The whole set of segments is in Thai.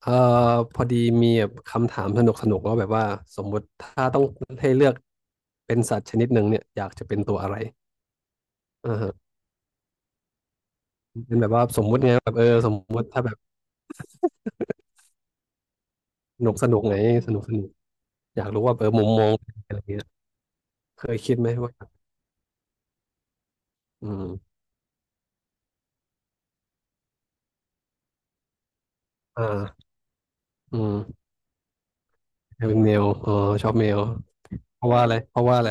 เอ่อพอดีมีแบบคำถามสนุกสนุกว่าแบบว่าสมมุติถ้าต้องให้เลือกเป็นสัตว์ชนิดหนึ่งเนี่ยอยากจะเป็นตัวอะไรอ่าฮะเป็นแบบว่าสมมุติไงแบบเออสมมุติถ้าแบบสนุกสนุกไงสนุกสนุกอยากรู้ว่าเออมุมมองอะไรเงี้ยเคยคิดไหมว่าอืมอ่าอืมอยากเป็นแมวอ๋อชอบแมวเพราะว่าอะไรเพราะว่าอะไร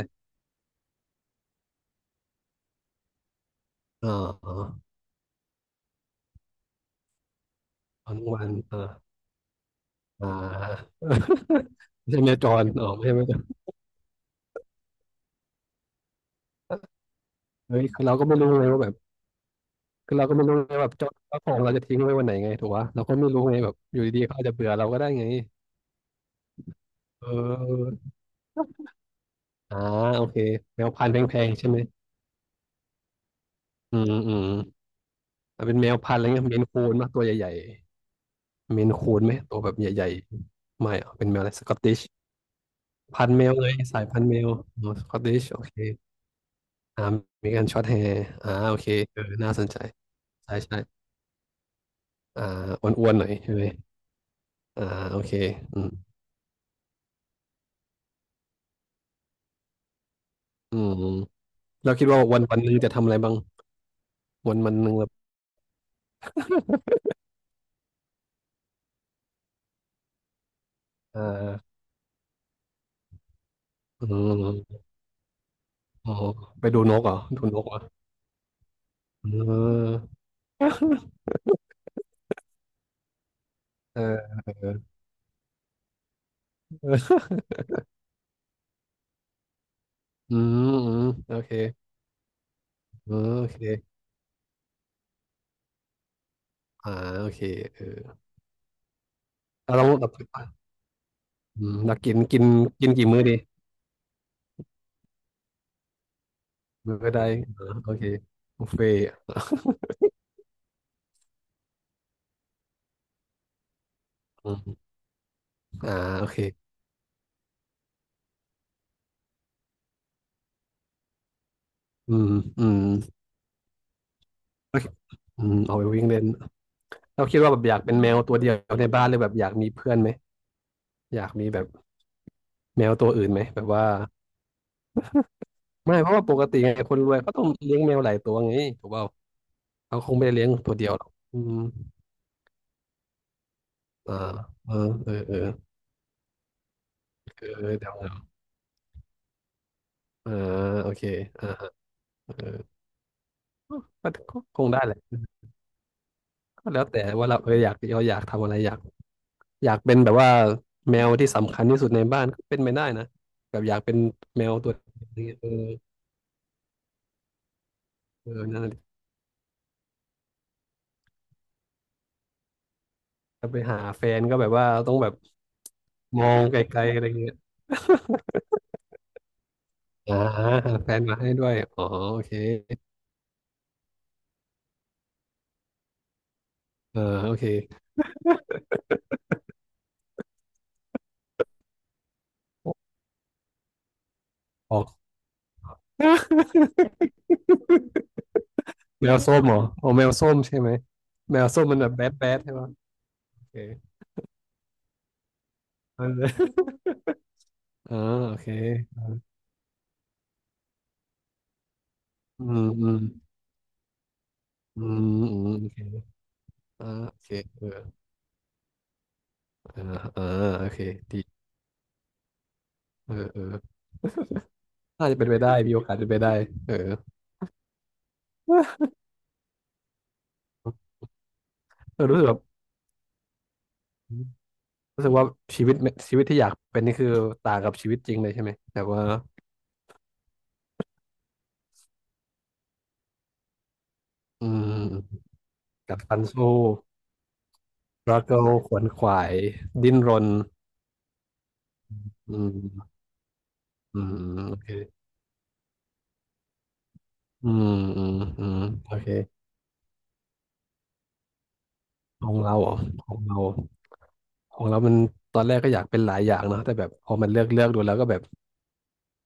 อ๋ออ๋ออ๋อน้องวันอ่าอ่า ไม่ใช่แมวจรอ๋อไม่ใช่แมวจร เฮ้ยคือเราก็ไม่รู้เลยว่าแบบ คือเราก็ไม่รู้ไงแบบเจ้าของเราจะทิ้งไว้วันไหนไงถูกปะเราก็ไม่รู้ไงแบบอยู่ดีๆเขาอาจจะเบื่อเราก็ได้ไงเอออ่าโอเคแมวพันธุ์แพงๆใช่ไหมอืมอืมอ่ะเป็นแมวพันธุ์อะไรเงี้ยเมนคูนป่ะตัวใหญ่ๆเมนคูนไหมตัวแบบใหญ่ๆไม่อ่ะเป็นแมวอะไรสกอตติชพันธุ์แมวเลยสายพันธุ์แมวอ๋อสกอตติชโอเคอ่ามีการช็อตแฮร์อ่าโอเคเออน่าสนใจใช่ใช่อ่าอ้วนๆหน่อยใช่ไหมอ่าโอเคอืมอืมเราคิดว่าวันวันหนึ่งจะทำอะไรบ้างวันวันหนึ่ง อ่าอืมอ๋อไปดูนกเหรอดูนกเหรออืมเออเออเอออืมอืมโอเคอืมโอเคอ่าโอเคเออเราลองแบบอืมดักกินกินกินกี่มื้อดีมื้อใดอ่าโอเคบุฟเฟ่ต์อืมอ่าโอเคอืมอืมโอเคอืมเอาไปวิ่งเล่นเราคิดว่าแบบอยากเป็นแมวตัวเดียวในบ้านเลยแบบอยากมีเพื่อนไหมอยากมีแบบแมวตัวอื่นไหมแบบว่าไม่เพราะว่าปกติไงคนรวยเขาต้องเลี้ยงแมวหลายตัวไงถูกเปล่า เขาคงไม่ได้เลี้ยงตัวเดียวหรอกอืมอ่าเออเออเออเออเดี๋ยวอ่าโอเคอ่าเออก็ก็คงได้แหละก็แล้วแต่ว่าเราเอออยากเราอยากทำอะไรอยากอยากเป็นแบบว่าแมวที่สำคัญที่สุดในบ้านก็เป็นไม่ได้นะแบบอยากเป็นแมวตัวเดียวเออเออนั่นแหละจะไปหาแฟนก็แบบว่าต้องแบบมองไกลๆอะไรเงี้ยอ่าหาแฟนมาให้ด้วยอ๋อโอเคเออโอเคออก แมวส้มเหรออ๋อแมวส้มใช่ไหมแมวส้มมันแบบแบดแบดใช่ปะโอเค เอออ่าโอเคอืมอืมอืมอืมโอเคอ่าโอเคเอออ่าอ่าโอเคดีเออเออน่าจะเป็นไปได้มีโอกาสเป็นไปได้เออเออรู้สึกแบบรู้สึกว่าชีวิตชีวิตที่อยากเป็นนี่คือต่างกับชีวิตจริงเลยใช่ไหมแต่ว่าอืมกัดฟันสู้รักเกิลขวนขวายดิ้นรนอืมอืมอืมโอเคอืมอืมอืมโอเค ของเราเหรอของเราของเรามันตอนแรกก็อยากเป็นหลายอย่างเนอะแต่แบบพอมันเลือกดูแล้วก็แบบ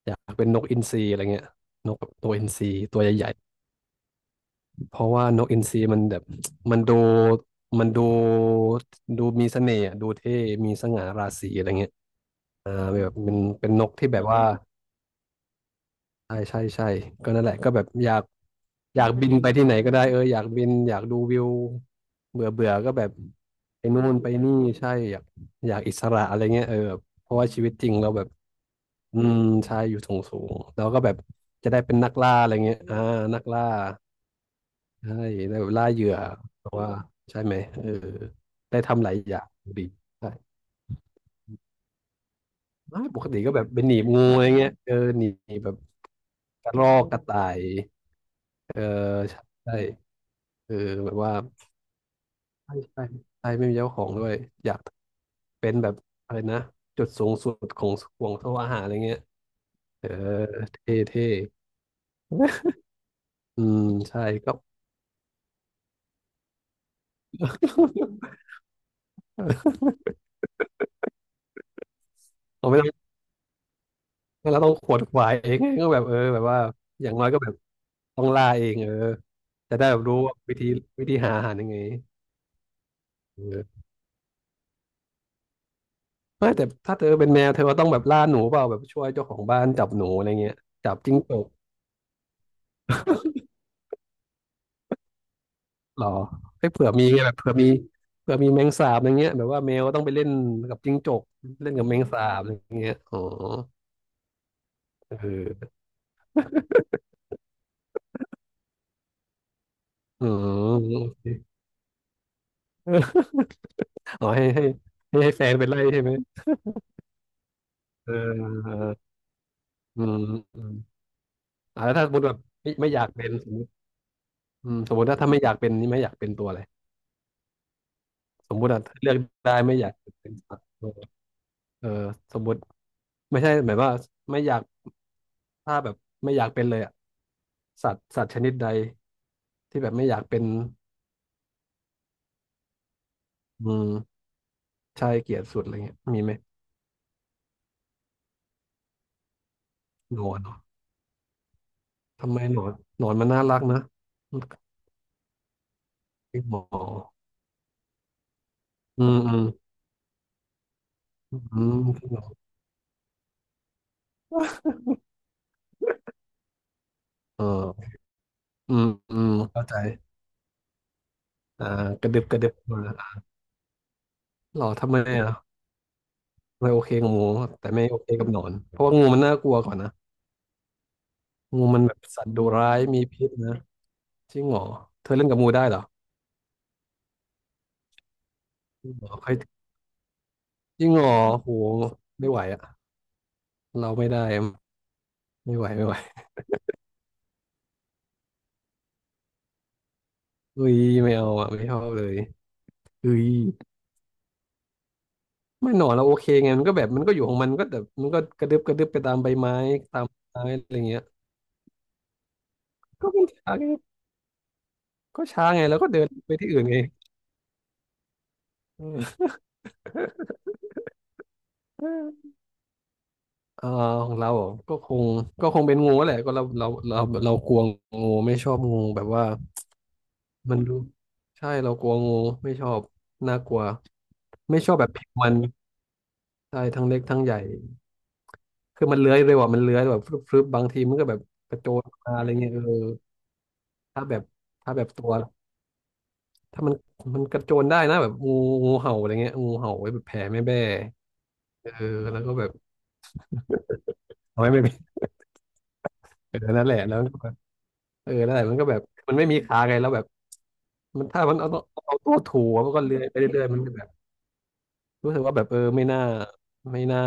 อยากเป็นนกอินทรีอะไรเงี้ยนกตัวอินทรีตัวใหญ่ๆเพราะว่านกอินทรีมันแบบ มันดูมันดูมีเสน่ห์อะดูเท่มีสง่าราศีอะไรเงี้ยอ่าแบบเป็นนกที่แบบว่าใช่ใช่ใช่ก็นั่นแหละก็แบบอยาก อยากบินไปที่ไหนก็ได้เอออยากบินอยากดูวิวเบื่อเบื่อก็แบบไปนู่นไปนี่ใช่อยากอยากอิสระอะไรเงี้ยเออแบบเพราะว่าชีวิตจริงเราแบบอืมใช่อยู่สูงสูงแล้วก็แบบจะได้เป็นนักล่าอะไรเงี้ยอ่านักล่าใช่ได้แบบล่าเหยื่อเพราะว่าใช่ไหมเออได้ทำหลายอย่างดีใช่ไม่ปกติก็แบบเป็นหนีบงูอะไรเงี้ยเออหนีบแบบกระรอกกระต่ายเออใช่เออแบบว่า ใช่ใช่ใช่ไม่มีเจ้าของด้วยอยากเป็นแบบอะไรนะจุดสูงสุดของห่วงโซ่อาหารอะไรเงี้ยเออเท่เท่อืมใช่ก็ เราไม่ต้องเราต้องขวนขวายเองก็แบบเออแบบว่าอย่างน้อยก็แบบต้องล่าเองเออจะได้แบบรู้ว่าวิธีหาอาหารยังไงเออไม่แต่ถ้าเธอเป็นแมวเธอก็ต้องแบบล่าหนูเปล่าแบบช่วยเจ้าของบ้านจับหนูอะไรเงี้ยจับจิ้งจก หรอให้เผื่อมีไงแบบเผื่อมีแมงสาบอย่างเงี้ยแบบว่าแมวต้องไปเล่นกับจิ้งจกเล่นกับแมงสาบอย่างเงี้ยอ๋อเอออืมโอเค อ๋อให้ให้ให้แฟนไปไล่ใช่ไหมเออเอออืมอืมแล้วถ้าสมมติแบบไม่อยากเป็นสมมติอืมสมมติถ้าไม่อยากเป็นนี่ไม่อยากเป็นตัวอะไรสมมติอะเลือกได้ไม่อยากเป็นสัตว์เออเออสมมติไม่ใช่หมายว่าไม่อยากถ้าแบบไม่อยากเป็นเลยอะสัตว์ชนิดใดที่แบบไม่อยากเป็น อืมชายเกลียดสุดอะไรเงี้ยมีไหมหนอนเหรอทำไมหนอนหนอนมันน่ารักนะมันเปหมออืมอืมพี่หนอนเอออืมอืมเข้าใจอ่ากระดึบกระดึบมาหรอทำไมอ่ะไม่โอเคกับงูแต่ไม่โอเคกับหนอนเพราะว่างูมันน่ากลัวกว่านะงูมันแบบสัตว์ดุร้ายมีพิษนะจริงเหรอเธอเล่นกับงูได้เหรอจริงเหรอใครจริงเหรอโหไม่ไหวอ่ะเราไม่ได้ไม่ไหวอุ้ยไม่เอาอ่ะไม่ชอบเลยอุ้ย ไม่หนอนเราโอเคไงมันก็แบบมันก็อยู่ของมันก็แบบมันก็กระดึบกระดึบไปตามใบไม้ตามไม้อะไรเงี้ยก็มันช้าไงก็ช้าไงแล้วก็เดินไปที่อื่นไงเออเออของเราเหรอก็คงเป็นงูแหละก็เรากลัวงูไม่ชอบงูแบบว่ามันดูใช่เรากลัวงูไม่ชอบน่ากลัวไม่ชอบแบบผิวมันใช่ทั้งเล็กทั้งใหญ่คือมันเลื้อยเร็วอ่ะมันเลื้อยแบบฟรึบฟบางทีมันก็แบบกระโจนมาอะไรเงี้ยเออถ้าแบบถ้าแบบตัว ถ้ามันมันกระโจนได้นะแบบงูงูเห่าอะไรเงี้ยงูเห่าไว้แบบแผ่แม่แบ้เออแล้วก็แบบเอาไว้ไม่เป็นเออนั่นแหละแล้วมันก็แบบเออนั่นแหละมันก็แบบมันไม่มีขาไงแล้วแบบมันถ้ามันเอาตัวถูอะมันก็เลื้อยไปเรื่อยๆมันก็แบบรู้สึกว่าแบบเออไม่น่า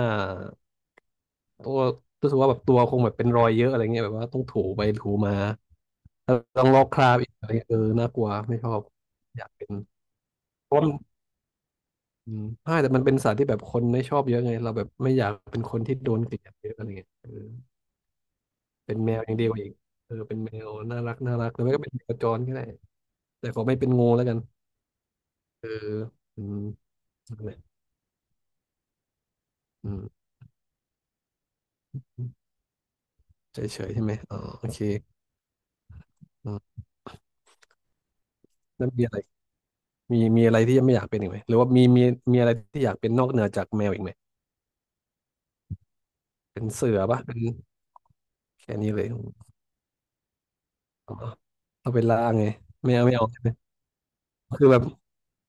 ตัวรู้สึกว่าแบบตัวคงแบบเป็นรอยเยอะอะไรเงี้ยแบบว่าต้องถูไปถูมาแล้วต้องลอกคราบอีกอะไรเงี้ยเออน่ากลัวไม่ชอบอยากเป็นเพราะมันอืมใช่แต่มันเป็นสัตว์ที่แบบคนไม่ชอบเยอะไงเราแบบไม่อยากเป็นคนที่โดนเกลียดเยอะอะไรเงี้ยเออ เป็นแมวอยังเดีกว่าอีกเออเป็นแมวน่ารักหรือไม่ก็เป็นแมวจรก็ได้แต่ขอไม่เป็นงูแล้วกันเอออืมนั่นแหละอืมเฉยเฉยใช่ไหมอ๋อโอเคอืมแล้วมีอะไรมีอะไรที่ยังไม่อยากเป็นอีกไหมหรือว่ามีอะไรที่อยากเป็นนอกเหนือจากแมวอีกไหมเป็นเสือปะเป็นแค่นี้เลยอ๋อเอาเป็นล่าไงไม่เอาใช่ไหมคือแบบ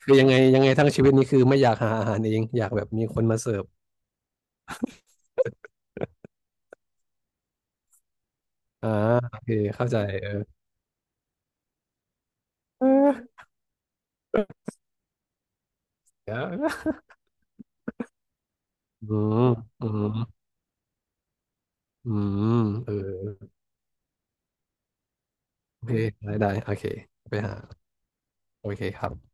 คือยังไงทั้งชีวิตนี้คือไม่อยากหาอาหารเองอยากแบบมีคนมาเสิร์ฟอ่าโอเคเข้าใจเออเอออืมอืม อืมเออโอเคได้โอเคไปหาโอเคครับ